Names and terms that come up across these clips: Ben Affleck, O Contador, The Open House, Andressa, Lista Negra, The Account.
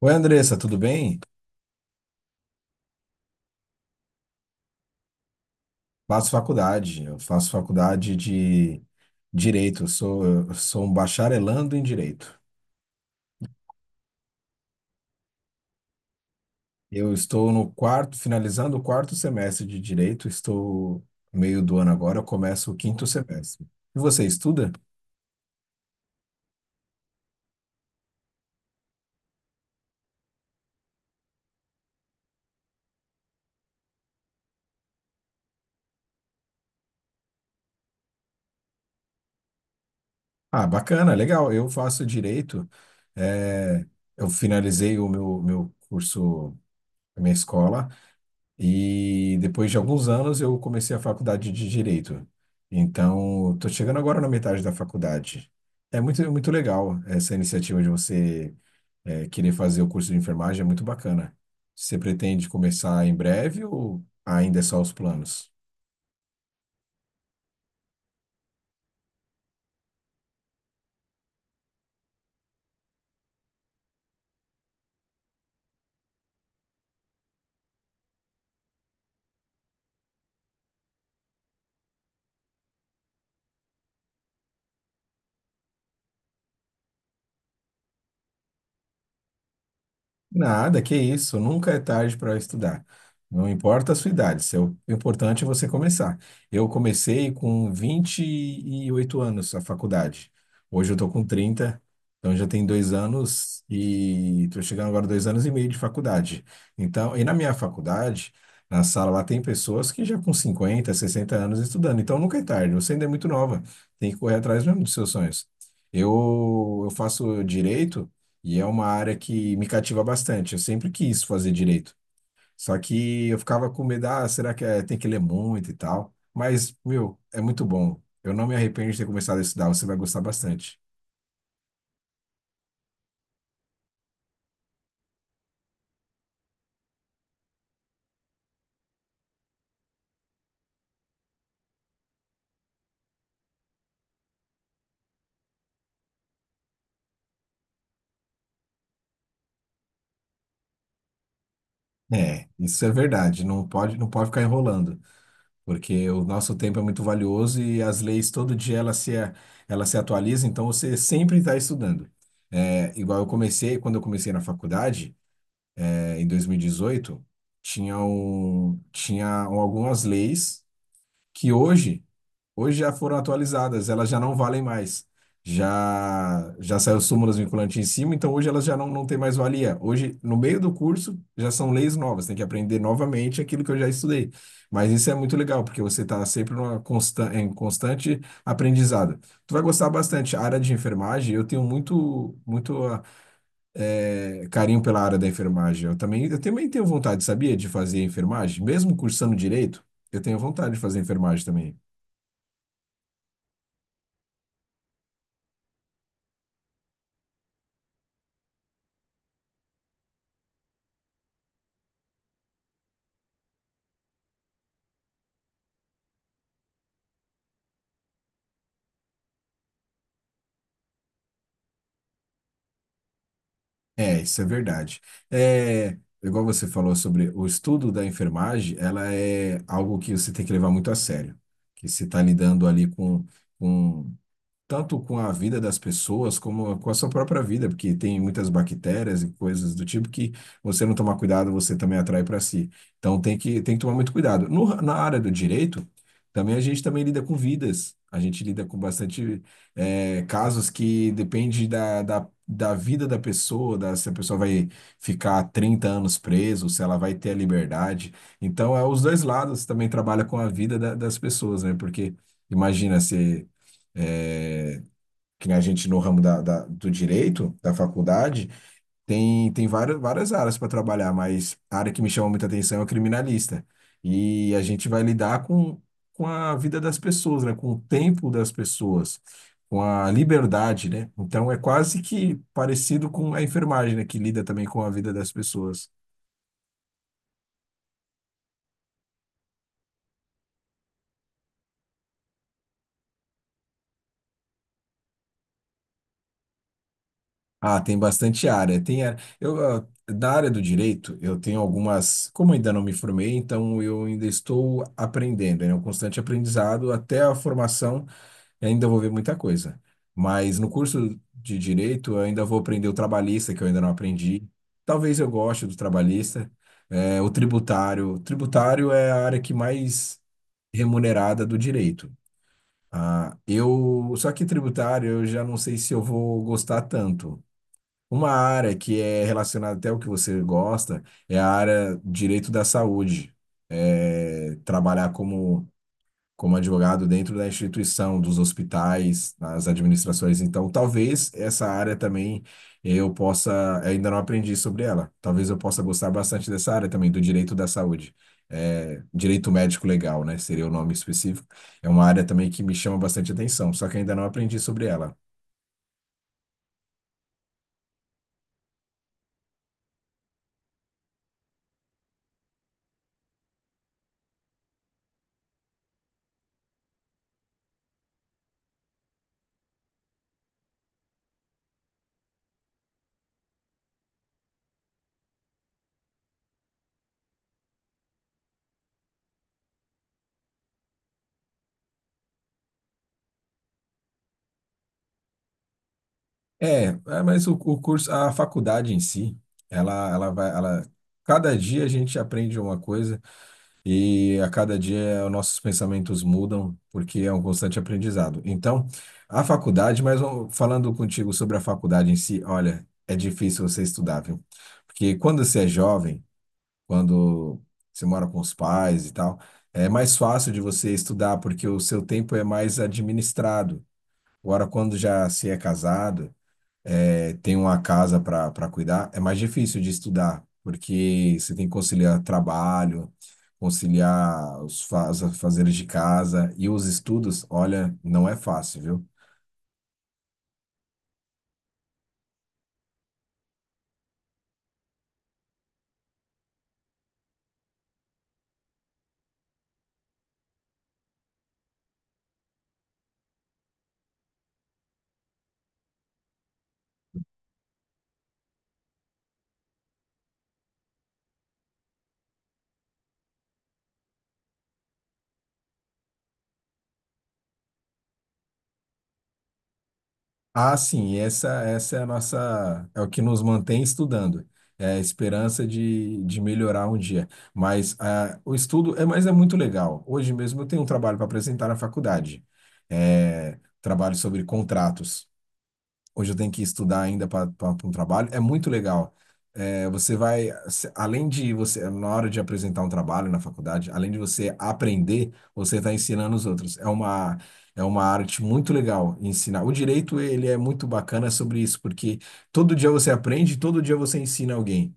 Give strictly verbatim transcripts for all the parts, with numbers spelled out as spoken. Oi, Andressa, tudo bem? Faço faculdade, eu faço faculdade de Direito, eu sou, eu sou um bacharelando em Direito. Eu estou no quarto, finalizando o quarto semestre de Direito, estou no meio do ano agora, eu começo o quinto semestre. E você estuda? Ah, bacana, legal, eu faço Direito, eh, eu finalizei o meu, meu curso, a minha escola, e depois de alguns anos eu comecei a faculdade de Direito. Então, estou chegando agora na metade da faculdade. É muito, muito legal essa iniciativa de você é, querer fazer o curso de enfermagem, é muito bacana. Você pretende começar em breve ou ainda é só os planos? Nada, que isso, nunca é tarde para estudar. Não importa a sua idade, seu- o importante é você começar. Eu comecei com vinte e oito anos a faculdade. Hoje eu estou com trinta, então já tem dois anos e estou chegando agora a dois anos e meio de faculdade. Então, e na minha faculdade, na sala lá tem pessoas que já com cinquenta, sessenta anos estudando. Então nunca é tarde, você ainda é muito nova, tem que correr atrás mesmo dos seus sonhos. Eu, eu faço direito. E é uma área que me cativa bastante. Eu sempre quis fazer direito. Só que eu ficava com medo, ah, será que é- tem que ler muito e tal? Mas, meu, é muito bom. Eu não me arrependo de ter começado a estudar, você vai gostar bastante. É, isso é verdade. Não pode, não pode ficar enrolando, porque o nosso tempo é muito valioso e as leis todo dia elas se, elas se atualizam, então você sempre está estudando. É, igual eu comecei, quando eu comecei na faculdade, é, em dois mil e dezoito, tinham, tinha algumas leis que hoje, hoje já foram atualizadas, elas já não valem mais. Já, já saiu súmulas vinculantes em cima, então hoje elas já não, não têm mais valia. Hoje, no meio do curso, já são leis novas, tem que aprender novamente aquilo que eu já estudei. Mas isso é muito legal, porque você está sempre numa consta, em constante aprendizado. Tu vai gostar bastante. A área de enfermagem, eu tenho muito, muito ah, eh, carinho pela área da enfermagem. Eu também, eu também tenho vontade, sabia, de fazer enfermagem, mesmo cursando direito. Eu tenho vontade de fazer enfermagem também. É, isso é verdade. É, igual você falou sobre o estudo da enfermagem, ela é algo que você tem que levar muito a sério, que você está lidando ali com, com tanto com a vida das pessoas como com a sua própria vida, porque tem muitas bactérias e coisas do tipo que você não tomar cuidado, você também atrai para si. Então tem que, tem que tomar muito cuidado. No- na área do direito, também a gente também lida com vidas. A gente lida com bastante eh, casos que depende da, da, da vida da pessoa, da, se a pessoa vai ficar trinta anos preso, se ela vai ter a liberdade. Então, é os dois lados também trabalha com a vida da- das pessoas, né? Porque imagina se eh, que nem a gente no ramo da, da- do direito, da faculdade, tem, tem várias, várias áreas para trabalhar, mas a área que me chama muita atenção é o criminalista. E a gente vai lidar com, com a vida das pessoas, né? Com o tempo das pessoas, com a liberdade, né? Então é quase que parecido com a enfermagem, né? Que lida também com a vida das pessoas. Ah, tem bastante área. Tem área. Eu, ah, da área do direito, eu tenho algumas. Como ainda não me formei, então eu ainda estou aprendendo, né? É um constante aprendizado até a formação, eu ainda vou ver muita coisa. Mas no curso de direito, eu ainda vou aprender o trabalhista, que eu ainda não aprendi. Talvez eu goste do trabalhista. É, o tributário. O tributário é a área que mais remunerada do direito. Ah, eu, só que tributário, eu já não sei se eu vou gostar tanto. Uma área que é relacionada até ao que você gosta é a área direito da saúde. É, trabalhar como, como advogado dentro da instituição, dos hospitais, nas administrações. Então, talvez essa área também eu possa, ainda não aprendi sobre ela. Talvez eu possa gostar bastante dessa área também, do direito da saúde. É, direito médico legal, né? Seria o nome específico. É uma área também que me chama bastante atenção, só que ainda não aprendi sobre ela. É, é, mas o, o curso, a faculdade em si, ela, ela vai, ela cada dia a gente aprende uma coisa e a cada dia os nossos pensamentos mudam, porque é um constante aprendizado. Então, a faculdade, mas ó, falando contigo sobre a faculdade em si, olha, é difícil você estudar, viu? Porque quando você é jovem, quando você mora com os pais e tal, é mais fácil de você estudar, porque o seu tempo é mais administrado. Agora, quando já se é casado, é, tem uma casa para para cuidar, é mais difícil de estudar, porque você tem que conciliar trabalho, conciliar os faz, fazeres de casa e os estudos, olha, não é fácil, viu? Ah, sim, essa, essa é a nossa, é o que nos mantém estudando. É a esperança de, de melhorar um dia. Mas ah, o estudo é, mas é muito legal. Hoje mesmo eu tenho um trabalho para apresentar na faculdade. É, trabalho sobre contratos. Hoje eu tenho que estudar ainda para um trabalho, é muito legal. É, você vai, se- além de você, na hora de apresentar um trabalho na faculdade, além de você aprender, você está ensinando os outros. É uma, é uma arte muito legal ensinar. O direito, ele é muito bacana sobre isso, porque todo dia você aprende, todo dia você ensina alguém.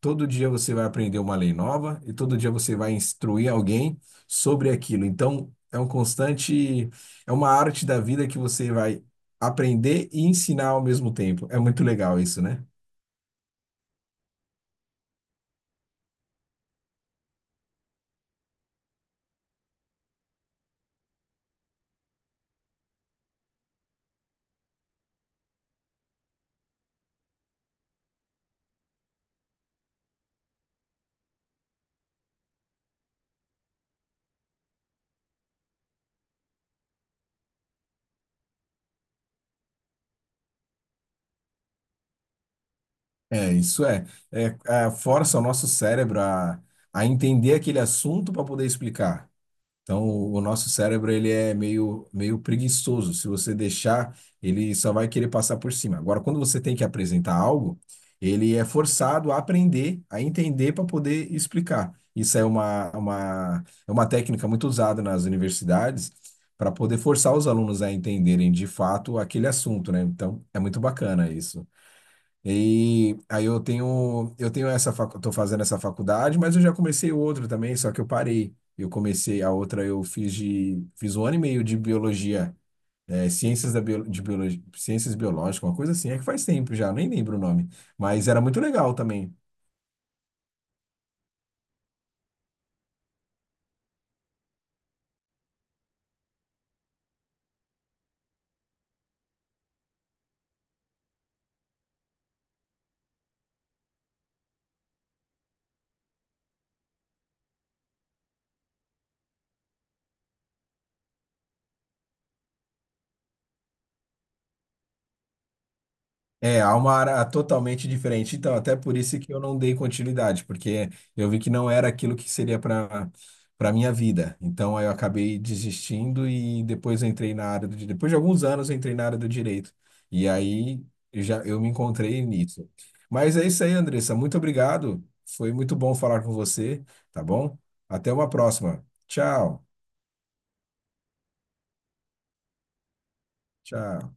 Todo dia você vai aprender uma lei nova e todo dia você vai instruir alguém sobre aquilo. Então, é um constante, é uma arte da vida que você vai aprender e ensinar ao mesmo tempo. É muito legal isso, né? É, isso é. É, é, força o nosso cérebro a, a entender aquele assunto para poder explicar. Então, o o nosso cérebro ele é meio, meio preguiçoso. Se você deixar, ele só vai querer passar por cima. Agora, quando você tem que apresentar algo, ele é forçado a aprender, a entender para poder explicar. Isso é uma, uma, é uma técnica muito usada nas universidades para poder forçar os alunos a entenderem de fato aquele assunto, né? Então, é muito bacana isso. E aí eu tenho, eu tenho essa, facu- tô fazendo essa faculdade, mas eu já comecei outra também, só que eu parei. Eu comecei a outra, eu fiz de, fiz um ano e meio de biologia, é, ciências da bio, de biologia, ciências biológicas, uma coisa assim, é que faz tempo já, nem lembro o nome, mas era muito legal também. É, há uma área totalmente diferente. Então, até por isso que eu não dei continuidade, porque eu vi que não era aquilo que seria para para minha vida. Então, aí eu acabei desistindo e depois eu entrei na área do direito. Depois de alguns anos, eu entrei na área do direito. E aí eu já eu me encontrei nisso. Mas é isso aí, Andressa. Muito obrigado. Foi muito bom falar com você, tá bom? Até uma próxima. Tchau. Tchau.